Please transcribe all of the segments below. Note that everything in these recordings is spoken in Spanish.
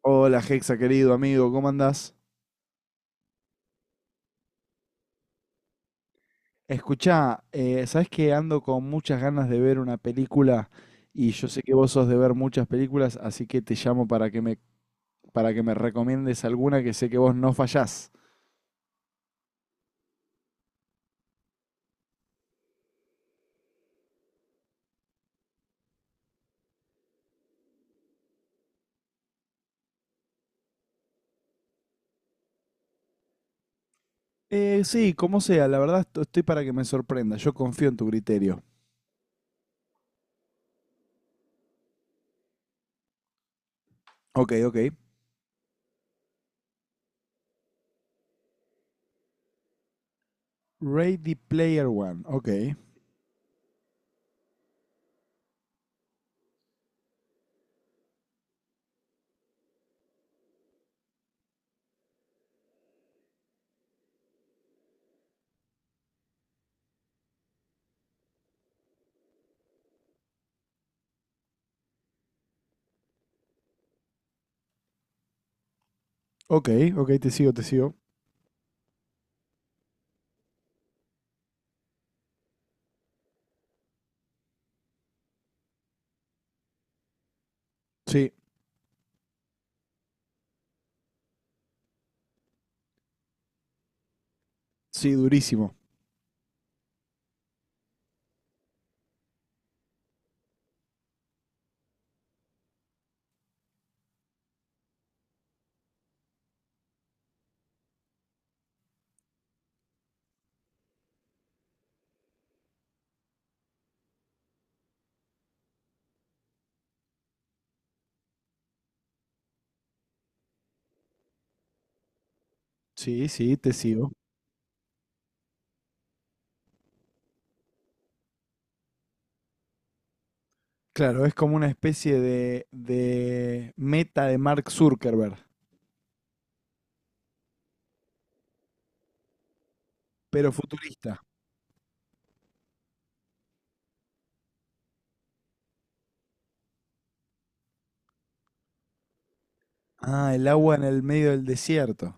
Hola Hexa, querido amigo, ¿cómo andás? Escuchá, ¿sabés que ando con muchas ganas de ver una película y yo sé que vos sos de ver muchas películas, así que te llamo para que me recomiendes alguna que sé que vos no fallás. Sí, como sea, la verdad estoy para que me sorprenda, yo confío en tu criterio. Ok, ok. Ready Player One, ok. Ok, ok, te sigo, te sigo. Sí, sí, durísimo. Sí, sí, te sigo. Claro, es como una especie de meta de Mark Zuckerberg, pero futurista. Ah, el agua en el medio del desierto.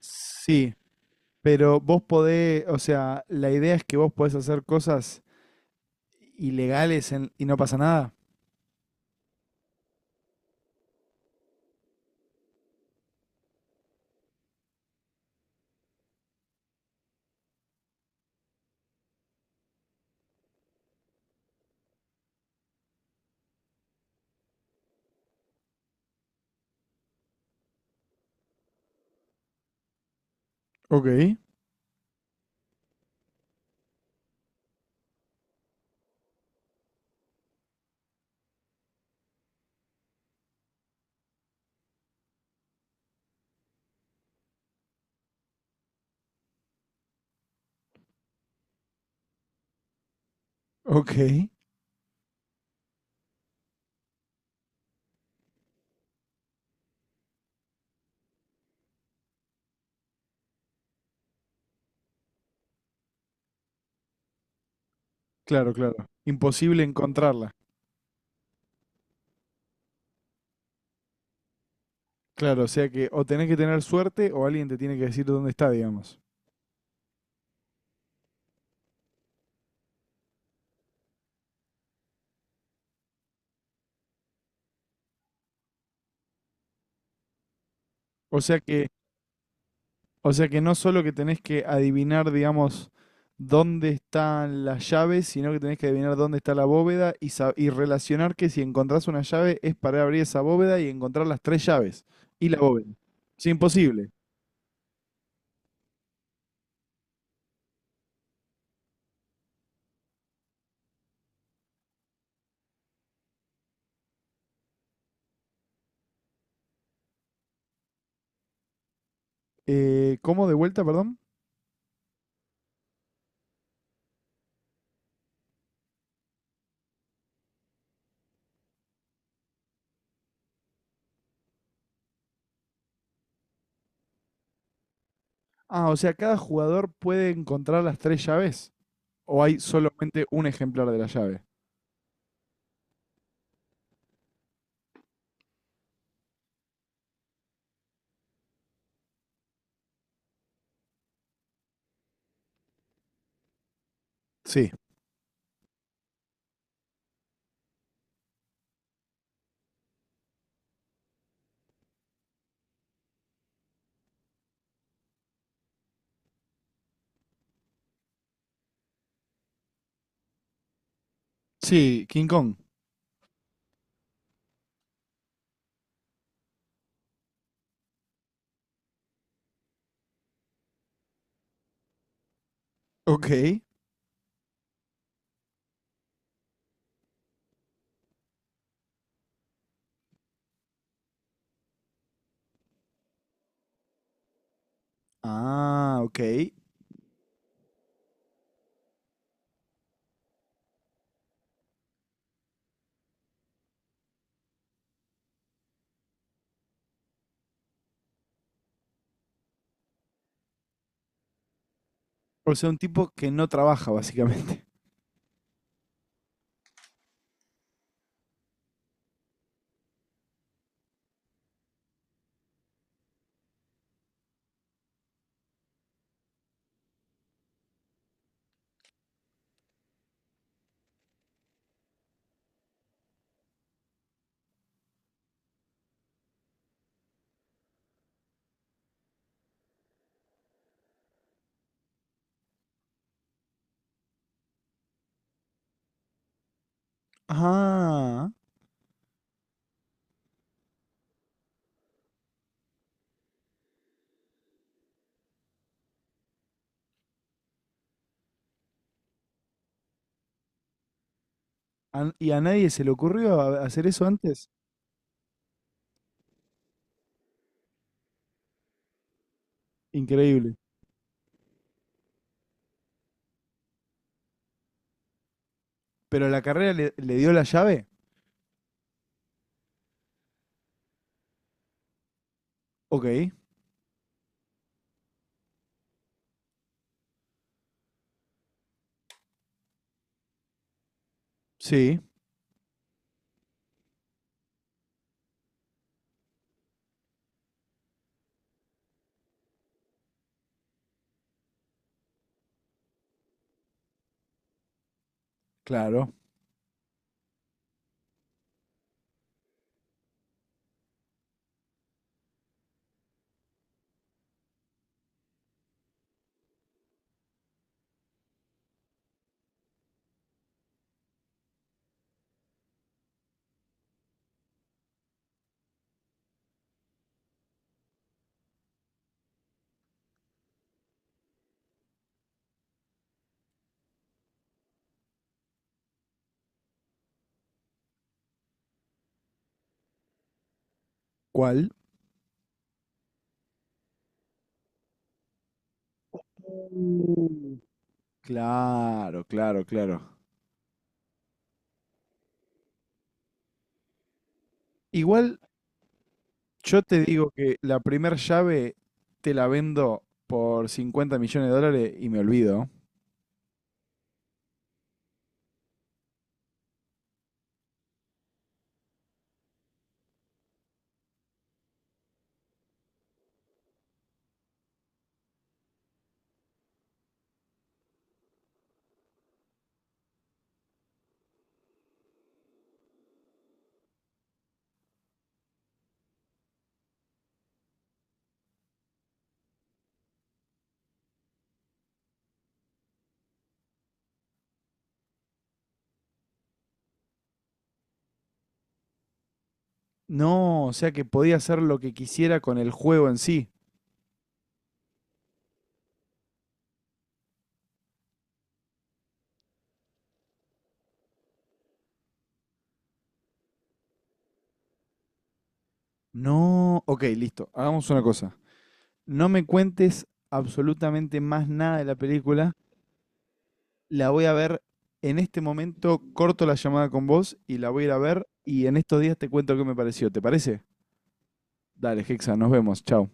Sí, pero vos podés, o sea, la idea es que vos podés hacer cosas ilegales en- y no pasa nada. Ok, ok. Claro, claro. Imposible encontrarla. Claro, o sea que o tenés que tener suerte o alguien te tiene que decir dónde está, digamos. O sea que O sea que no solo que tenés que adivinar, digamos, dónde están las llaves, sino que tenés que adivinar dónde está la bóveda y, y relacionar que si encontrás una llave es para abrir esa bóveda y encontrar las tres llaves y la bóveda. Es imposible. ¿Cómo de vuelta, perdón? Ah, o sea, cada jugador puede encontrar las tres llaves o hay solamente un ejemplar de la llave. Sí. Sí, King Kong. Ok. Ah, ok. O sea, un tipo que no trabaja, básicamente. Ah, y a nadie se le ocurrió hacer eso antes. Increíble. Pero la carrera le dio la llave. Ok, sí, claro. ¿Cuál? Uh. Claro, claro, claro. Igual yo te digo que la primer llave te la vendo por $50 millones y me olvido. No, o sea que podía hacer lo que quisiera con el juego en sí. No, ok, listo. Hagamos una cosa. No me cuentes absolutamente más nada de la película, la voy a ver en este momento, corto la llamada con vos y la voy a ir a ver y en estos días te cuento qué me pareció. ¿Te parece? Dale, Hexa, nos vemos. Chau.